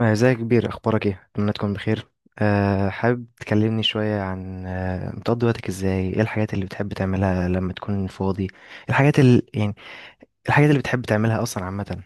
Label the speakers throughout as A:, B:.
A: ازيك يا كبير، اخبارك ايه؟ اتمنى تكون بخير. حابب تكلمني شويه عن بتقضي وقتك ازاي، ايه الحاجات اللي بتحب تعملها لما تكون فاضي؟ الحاجات اللي يعني، الحاجات اللي بتحب تعملها اصلا عامه.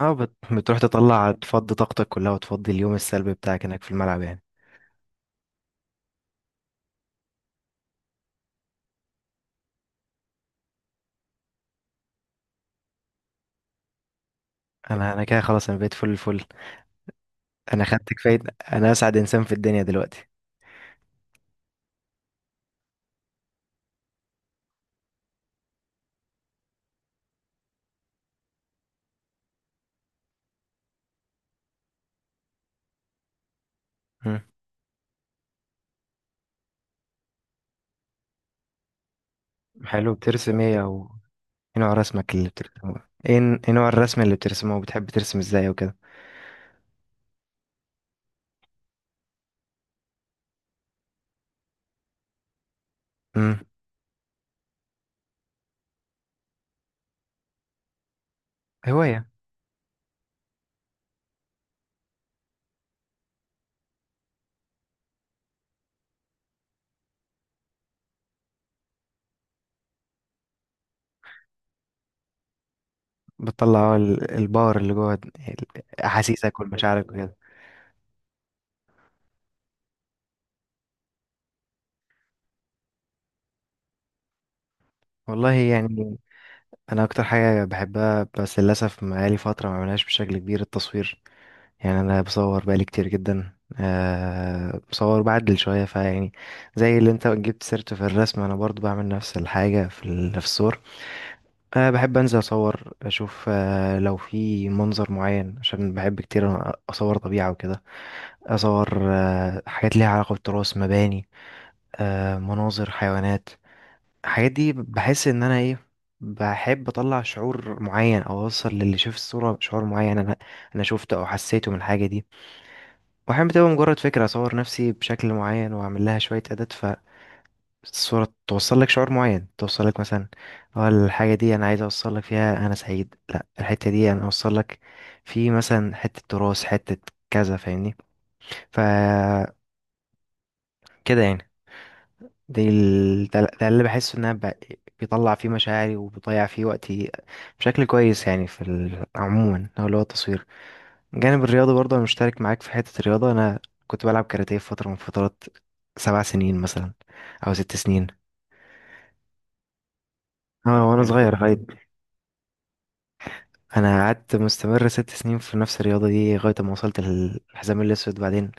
A: بتروح تطلع تفضي طاقتك كلها وتفضي اليوم السلبي بتاعك هناك في الملعب يعني؟ انا كده خلاص، انا بقيت فل الفل. انا خدت كفايه، انا اسعد انسان في الدنيا دلوقتي. مم. حلو، بترسم ايه، او ايه نوع رسمك اللي بترسمه؟ ايه نوع الرسم اللي بترسمه، وبتحب ترسم ازاي وكده؟ مم. هوايه. بتطلع الباور اللي جوه احاسيسك والمشاعرك وكده. والله يعني انا اكتر حاجه بحبها، بس للاسف بقالي فتره ما بعملهاش بشكل كبير، التصوير. يعني انا بصور بقالي كتير جدا، بصور بعدل شويه، فيعني زي اللي انت جبت سيرته في الرسم، انا برضو بعمل نفس الحاجه في في الصور. بحب انزل اصور اشوف لو في منظر معين، عشان بحب كتير اصور طبيعه وكده، اصور حاجات ليها علاقه بالتراث، مباني، مناظر، حيوانات. الحاجات دي بحس ان انا ايه، بحب اطلع شعور معين او اوصل للي شاف الصورة شعور معين انا شفته او حسيته من الحاجة دي. واحيانا بتبقى مجرد فكرة اصور نفسي بشكل معين واعمل لها شوية اعداد، فالصورة توصل لك شعور معين، توصل لك مثلا اه الحاجة دي، انا عايز اوصل لك فيها انا سعيد، لا الحتة دي انا اوصل لك في مثلا حتة تراث، حتة كذا، فاهمني؟ ف كده يعني. ده اللي بحس ان انا بيطلع فيه مشاعري وبيضيع فيه وقتي بشكل كويس، يعني عموما هو اللي هو التصوير. من جانب الرياضة برضه، انا مشترك معاك في حتة الرياضة. انا كنت بلعب كاراتيه في فترة من فترات، سبع سنين مثلا، او ست سنين. اه، وانا حلو صغير لغاية، انا قعدت مستمر ست سنين في نفس الرياضة دي لغاية ما وصلت للحزام الاسود. بعدين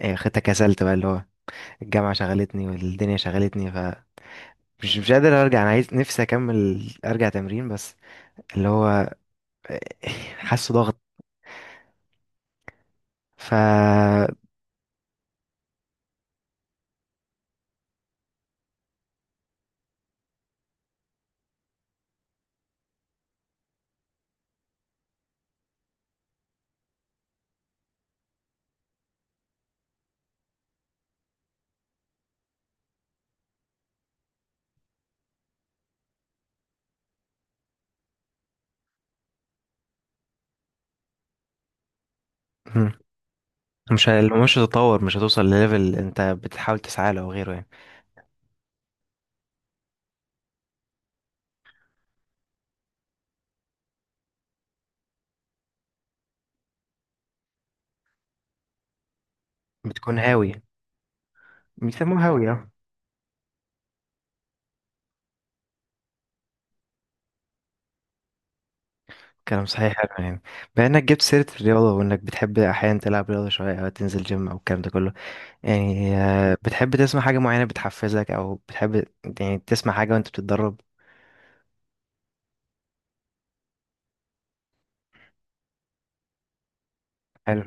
A: خدتها، كسلت بقى، اللي هو الجامعة شغلتني والدنيا شغلتني، مش قادر ارجع، انا عايز نفسي اكمل ارجع تمرين، بس اللي هو حاسه ضغط. ف مم. مش هتتطور، مش هتوصل لليفل انت بتحاول تسعى له او غيره يعني. بتكون هاوي. بيسموه هاوي، اه. كلام صحيح، حلو يعني. بما انك جبت سيرة الرياضة وانك بتحب احيانا تلعب رياضة شوية او تنزل جيم او الكلام ده كله، يعني بتحب تسمع حاجة معينة بتحفزك او بتحب يعني تسمع حاجة وانت بتتدرب؟ حلو.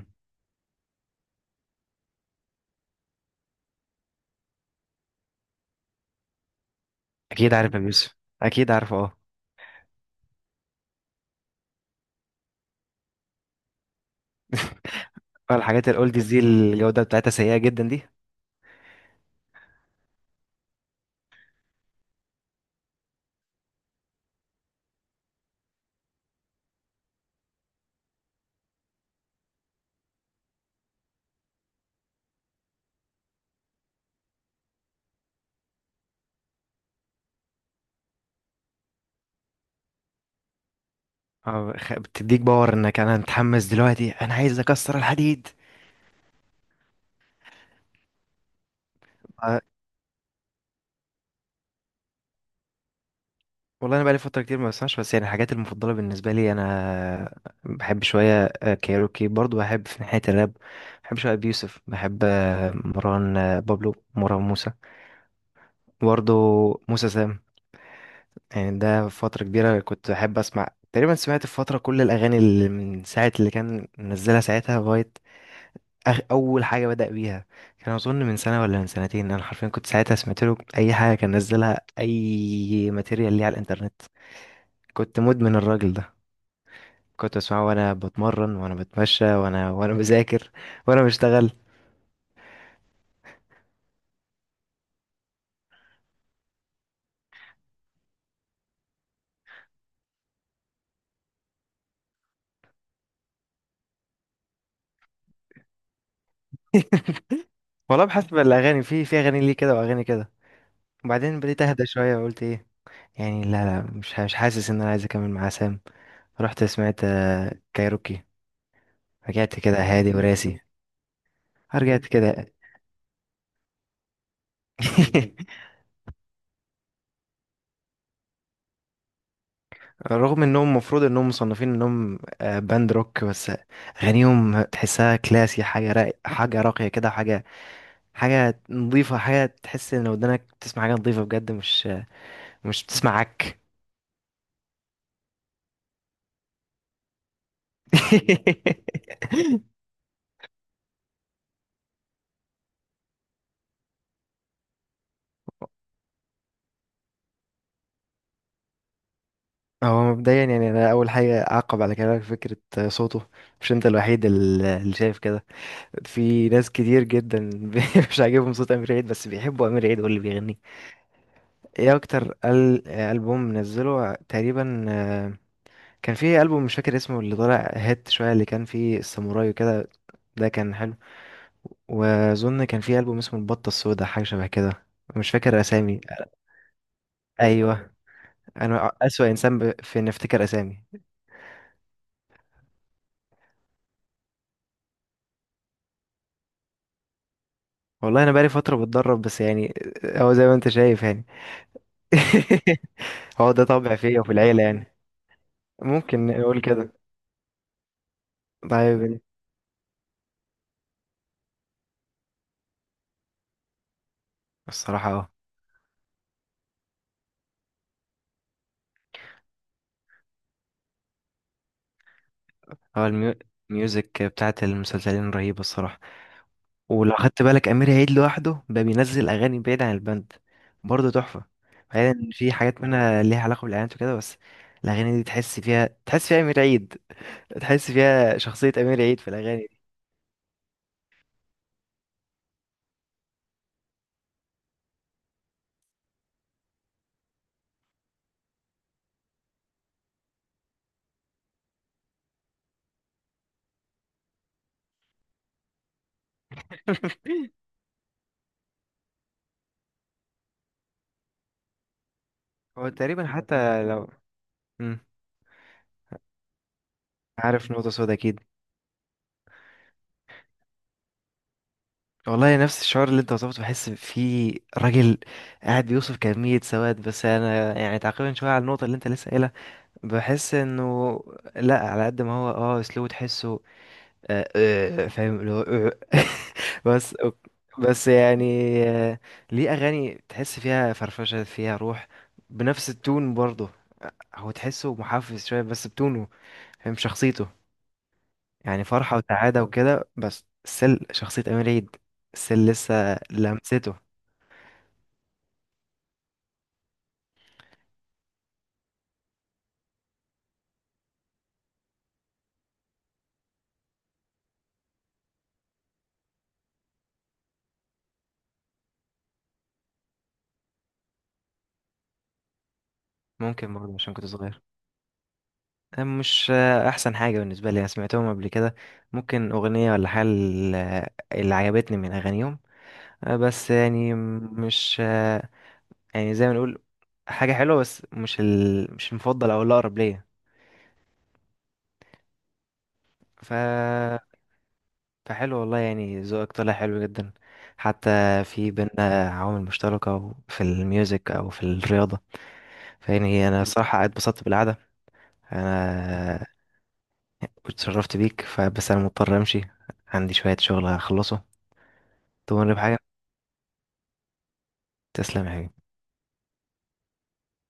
A: اكيد عارف يا يوسف، اكيد عارف اه. الحاجات الاولدز دي الجودة بتاعتها سيئة جدا دي. بتديك باور انك انا متحمس دلوقتي، انا عايز اكسر الحديد. آه، والله انا بقالي فتره كتير ما بسمعش، بس يعني الحاجات المفضله بالنسبه لي انا، بحب شويه كايروكي، برضو بحب في ناحيه الراب، بحب شويه بيوسف، بحب مروان، بابلو، مروان موسى برضو، موسى سام. يعني ده فتره كبيره كنت بحب اسمع، تقريبا سمعت في فتره كل الاغاني اللي من ساعه اللي كان منزلها ساعتها لغايه اول حاجه بدأ بيها، كان اظن من سنه ولا من سنتين. انا حرفيا كنت ساعتها سمعت له اي حاجه كان نزلها، اي ماتيريال ليه على الانترنت. كنت مدمن الراجل ده، كنت اسمعه وانا بتمرن وانا بتمشى وانا وانا بذاكر وانا بشتغل. والله بحسب الاغاني، في اغاني ليه كده واغاني كده. وبعدين بديت اهدى شويه وقلت ايه يعني، لا لا، مش حاسس ان انا عايز اكمل مع سام. رحت سمعت كايروكي، رجعت كده هادي وراسي، رجعت كده. رغم انهم المفروض انهم مصنفين انهم باند روك، بس اغانيهم تحسها كلاسي، حاجه راق، حاجه راقيه كده، حاجه حاجه نظيفه، حاجه تحس ان لو ودنك بتسمع حاجه نظيفه بجد، مش بتسمع عك. هو مبدئيا يعني انا اول حاجه اعقب على كلامك، فكره صوته، مش انت الوحيد اللي شايف كده، في ناس كتير جدا مش عاجبهم صوت امير عيد، بس بيحبوا امير عيد واللي بيغنيه. ايه اكتر البوم منزله تقريبا؟ كان في ألبوم مش فاكر اسمه، اللي طالع هات شوية، اللي كان فيه الساموراي وكده، ده كان حلو. وأظن كان في ألبوم اسمه البطة السوداء، حاجة شبه كده، مش فاكر أسامي. أيوه. أنا أسوأ إنسان في إني أفتكر أسامي. والله أنا بقالي فترة بتدرب، بس يعني هو زي ما أنت شايف يعني. هو ده طبع فيا وفي العيلة يعني. ممكن نقول كده. طيب. الصراحة اه. هو الميو- الميوزك بتاعت المسلسلين رهيبة الصراحة. ولو خدت بالك امير عيد لوحده بقى بينزل اغاني بعيد عن البند، برضه تحفه. بعيد ان في حاجات منها ليها علاقه بالاعلانات وكده، بس الاغاني دي تحس فيها، تحس فيها امير عيد، تحس فيها شخصيه امير عيد في الاغاني دي. هو تقريبا حتى لو. مم. عارف نقطه سودا، اكيد. والله نفس الشعور اللي انت وصفته، بحس فيه راجل قاعد بيوصف كمية سواد. بس انا يعني تعقيبا شوية على النقطة اللي انت لسه قايلها، بحس انه لا، على قد ما هو اه اسلوبه تحسه آه، فاهم اللي هو آه. بس أوك- بس يعني آه، ليه اغاني تحس فيها فرفشه، فيها روح، بنفس التون برضه. هو تحسه محفز شويه بس بتونه، فاهم شخصيته. يعني فرحه وسعاده وكده، بس سل شخصيه امير عيد، سل لسه لمسته. ممكن برضه عشان كنت صغير. أنا مش احسن حاجه بالنسبه لي، انا سمعتهم قبل كده، ممكن اغنيه ولا حاجه اللي عجبتني من اغانيهم، بس يعني مش، يعني زي ما نقول حاجة حلوة، بس مش المفضل أو الأقرب ليا. ف... فحلو والله يعني، ذوقك طلع حلو جدا. حتى في بينا عوامل مشتركة في الميوزك أو في الرياضة، فيعني أنا الصراحة اتبسطت بالقعدة. أنا اتشرفت بيك، فبس أنا مضطر أمشي، عندي شوية شغل هخلصه. تمر بحاجة؟ تسلم يا حبيبي.